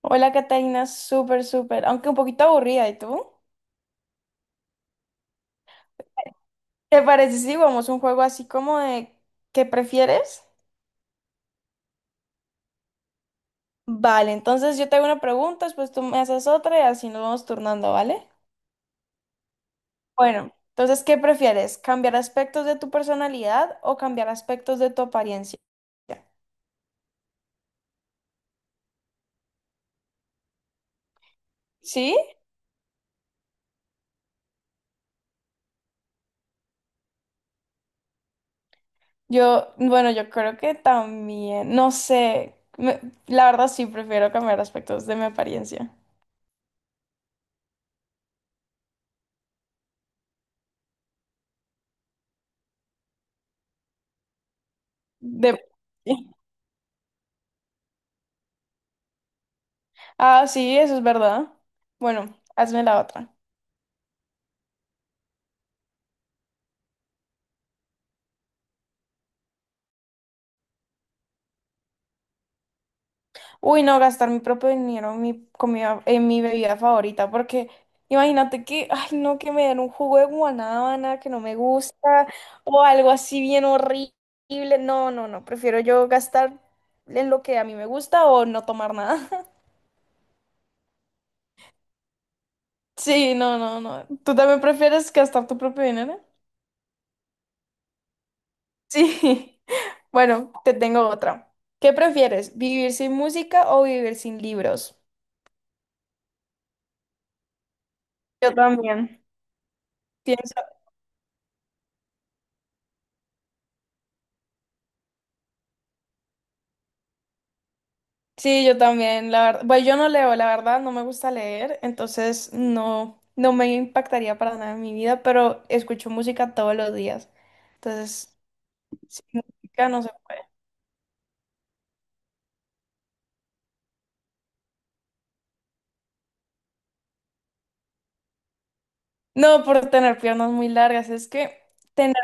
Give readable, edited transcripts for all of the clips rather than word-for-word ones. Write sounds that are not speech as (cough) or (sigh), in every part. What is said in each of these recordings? Hola, Catalina, súper, súper, aunque un poquito aburrida, ¿y tú? ¿Te parece si jugamos un juego así como de ¿qué prefieres? Vale, entonces yo te hago una pregunta, después tú me haces otra y así nos vamos turnando, ¿vale? Bueno, entonces, ¿qué prefieres? ¿Cambiar aspectos de tu personalidad o cambiar aspectos de tu apariencia? ¿Sí? Yo, bueno, yo creo que también, no sé, la verdad sí prefiero cambiar aspectos de mi apariencia. De... (laughs) Ah, sí, eso es verdad. Bueno, hazme la otra. Uy, no, gastar mi propio dinero en mi comida, en mi bebida favorita, porque imagínate que, ay, no, que me den un jugo de guanábana que no me gusta o algo así bien horrible. No, no, no, prefiero yo gastar en lo que a mí me gusta o no tomar nada. (laughs) Sí, no, no, no. ¿Tú también prefieres gastar tu propio dinero? Sí. (laughs) Bueno, te tengo otra. ¿Qué prefieres, vivir sin música o vivir sin libros? Yo también. Pienso, sí, yo también, la verdad. Bueno, yo no leo, la verdad, no me gusta leer, entonces no, no me impactaría para nada en mi vida, pero escucho música todos los días. Entonces, sin música no se puede. No por tener piernas muy largas, es que tener,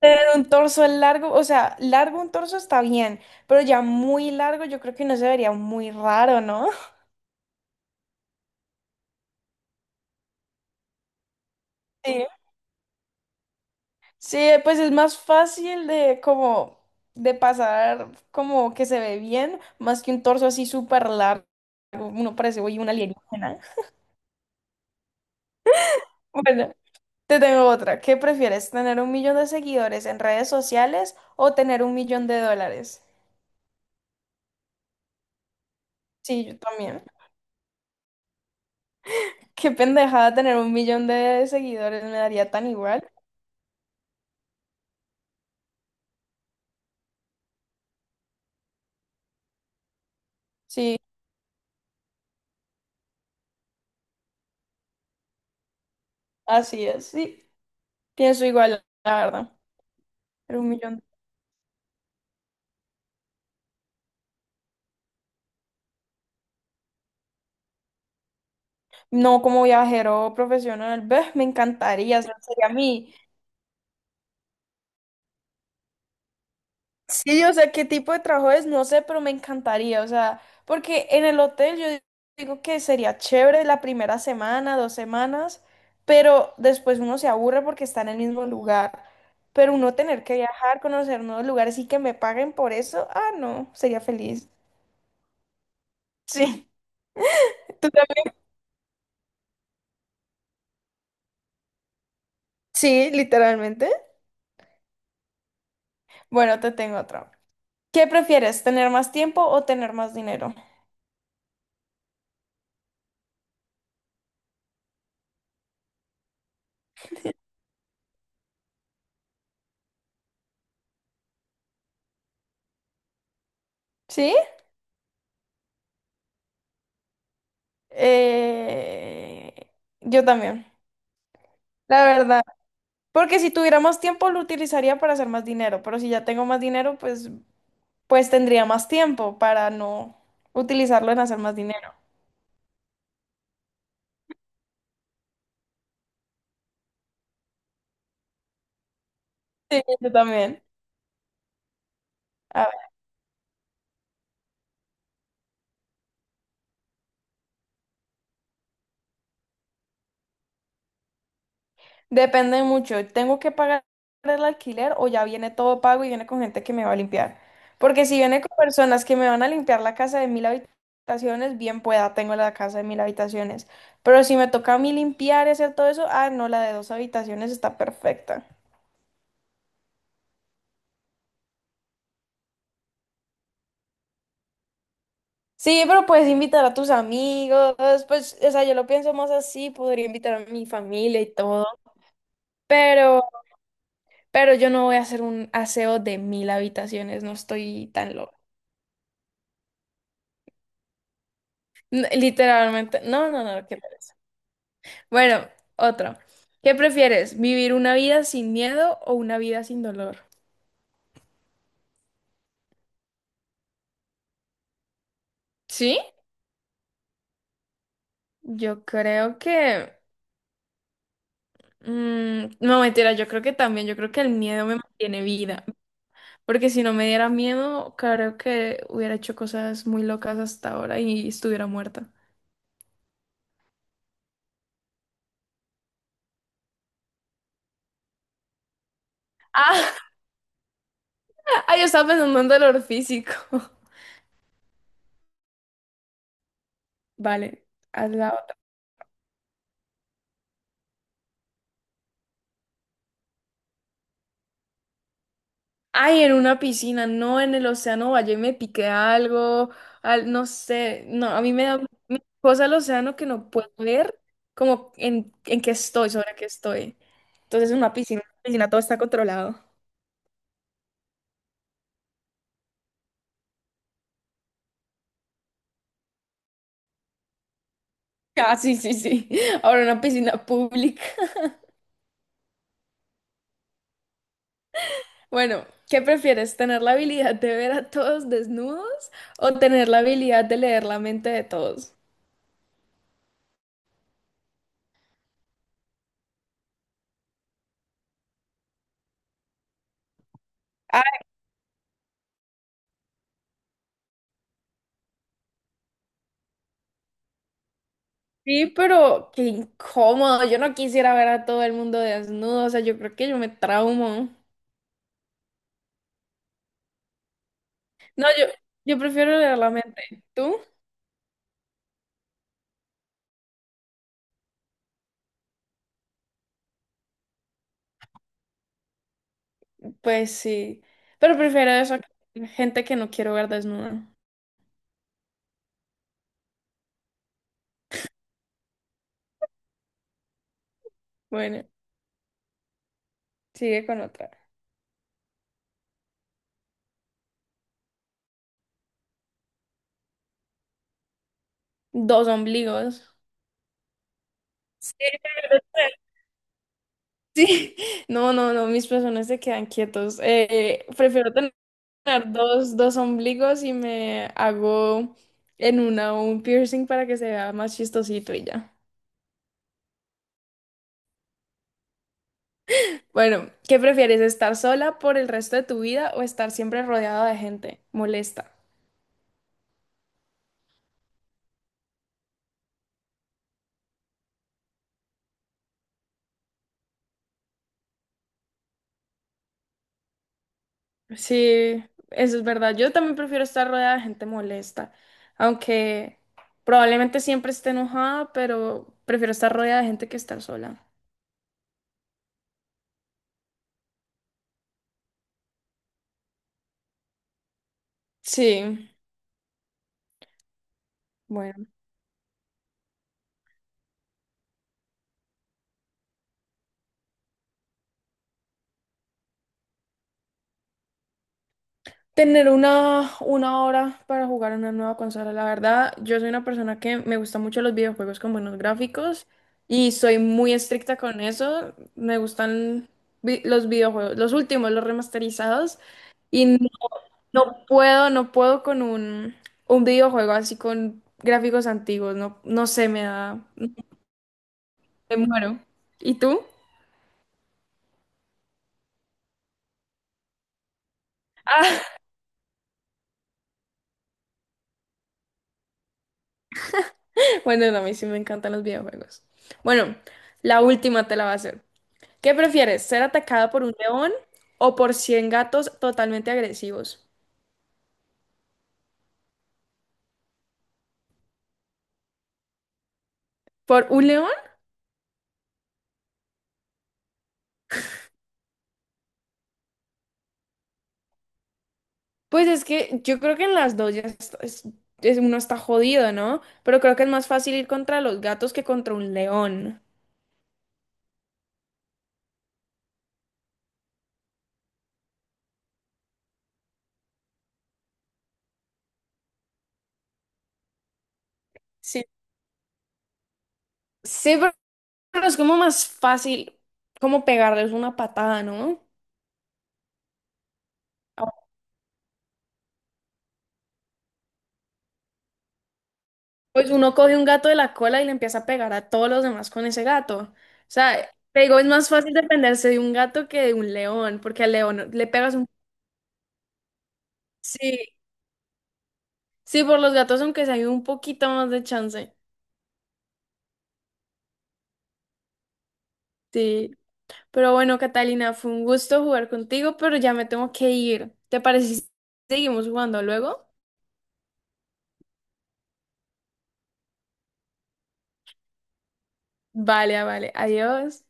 tener un torso largo, o sea, largo un torso está bien, pero ya muy largo yo creo que no se vería muy raro, ¿no? (laughs) Sí. Sí, pues es más fácil de como de pasar como que se ve bien, más que un torso así súper largo. Uno parece hoy un alienígena. (laughs) Bueno, te tengo otra. ¿Qué prefieres? ¿Tener un millón de seguidores en redes sociales o tener un millón de dólares? Sí, yo también. (laughs) Qué pendejada tener un millón de seguidores, me daría tan igual. Sí, así es, sí. Pienso igual, la verdad. Pero un millón. No como viajero profesional, ve, me encantaría, ese sería mi. Sí, o sea, qué tipo de trabajo es, no sé, pero me encantaría, o sea, porque en el hotel yo digo que sería chévere la primera semana, 2 semanas, pero después uno se aburre porque está en el mismo lugar. Pero uno tener que viajar, conocer nuevos lugares y que me paguen por eso, ah, no, sería feliz. Sí, (laughs) tú también. Sí, literalmente. Bueno, te tengo otro. ¿Qué prefieres, tener más tiempo o tener más dinero? ¿Sí? Eh, Yo también. La verdad. Porque si tuviéramos tiempo lo utilizaría para hacer más dinero, pero si ya tengo más dinero, pues tendría más tiempo para no utilizarlo en hacer más dinero. Sí, yo también. A ver, depende mucho. ¿Tengo que pagar el alquiler o ya viene todo pago y viene con gente que me va a limpiar? Porque si viene con personas que me van a limpiar la casa de mil habitaciones, bien pueda, tengo la casa de mil habitaciones. Pero si me toca a mí limpiar y hacer todo eso, ah, no, la de dos habitaciones está perfecta. Sí, pero puedes invitar a tus amigos, pues, o sea, yo lo pienso más así, podría invitar a mi familia y todo, pero, pero yo no voy a hacer un aseo de mil habitaciones, no estoy tan loca. Literalmente, no, no, no, qué tal. Bueno, otro. ¿Qué prefieres, vivir una vida sin miedo o una vida sin dolor? ¿Sí? Yo creo que, no, mentira, yo creo que también, yo creo que el miedo me mantiene viva. Porque si no me diera miedo, creo que hubiera hecho cosas muy locas hasta ahora y estuviera muerta. Ah, (laughs) ah, yo estaba pensando en dolor físico. (laughs) Vale, haz la otra. Ay, en una piscina, no en el océano, vaya y me piqué algo, no sé, no, a mí me da me cosa el océano que no puedo ver como en qué estoy, sobre qué estoy. Entonces en una piscina todo está controlado. (laughs) Ah, sí, sí, sí. Ahora en una piscina pública. Bueno, ¿qué prefieres? ¿Tener la habilidad de ver a todos desnudos o tener la habilidad de leer la mente de todos? Ay, sí, pero qué incómodo. Yo no quisiera ver a todo el mundo desnudo. O sea, yo creo que yo me traumo. No, yo prefiero leer la mente. ¿Tú? Pues sí. Pero prefiero eso que gente que no quiero ver desnuda. Bueno, sigue con otra. Dos ombligos. (laughs) Sí, no, no, no, mis personas se quedan quietos. Prefiero tener poner dos ombligos y me hago en una un piercing para que se vea más chistosito y ya. Bueno, ¿qué prefieres? ¿Estar sola por el resto de tu vida o estar siempre rodeada de gente molesta? Sí, eso es verdad. Yo también prefiero estar rodeada de gente molesta, aunque probablemente siempre esté enojada, pero prefiero estar rodeada de gente que estar sola. Sí, bueno. Tener una hora para jugar una nueva consola, la verdad, yo soy una persona que me gusta mucho los videojuegos con buenos gráficos y soy muy estricta con eso. Me gustan los videojuegos, los últimos, los remasterizados y no, no puedo con un videojuego así con gráficos antiguos, no, no sé, me muero. ¿Y tú? (laughs) Bueno, no, a mí sí me encantan los videojuegos. Bueno, la última te la va a hacer. ¿Qué prefieres? ¿Ser atacado por un león o por 100 gatos totalmente agresivos? ¿Por un león? Pues es que yo creo que en las dos ya uno está jodido, ¿no? Pero creo que es más fácil ir contra los gatos que contra un león. Sí. Sí, pero es como más fácil como pegarles una patada, ¿no? Ah, pues uno coge un gato de la cola y le empieza a pegar a todos los demás con ese gato. O sea, te digo, es más fácil defenderse de un gato que de un león, porque al león le pegas un... Sí, sí, por los gatos, aunque sea hay un poquito más de chance. Sí. Pero bueno, Catalina, fue un gusto jugar contigo, pero ya me tengo que ir. ¿Te parece si seguimos jugando luego? Vale, ah, vale. Adiós.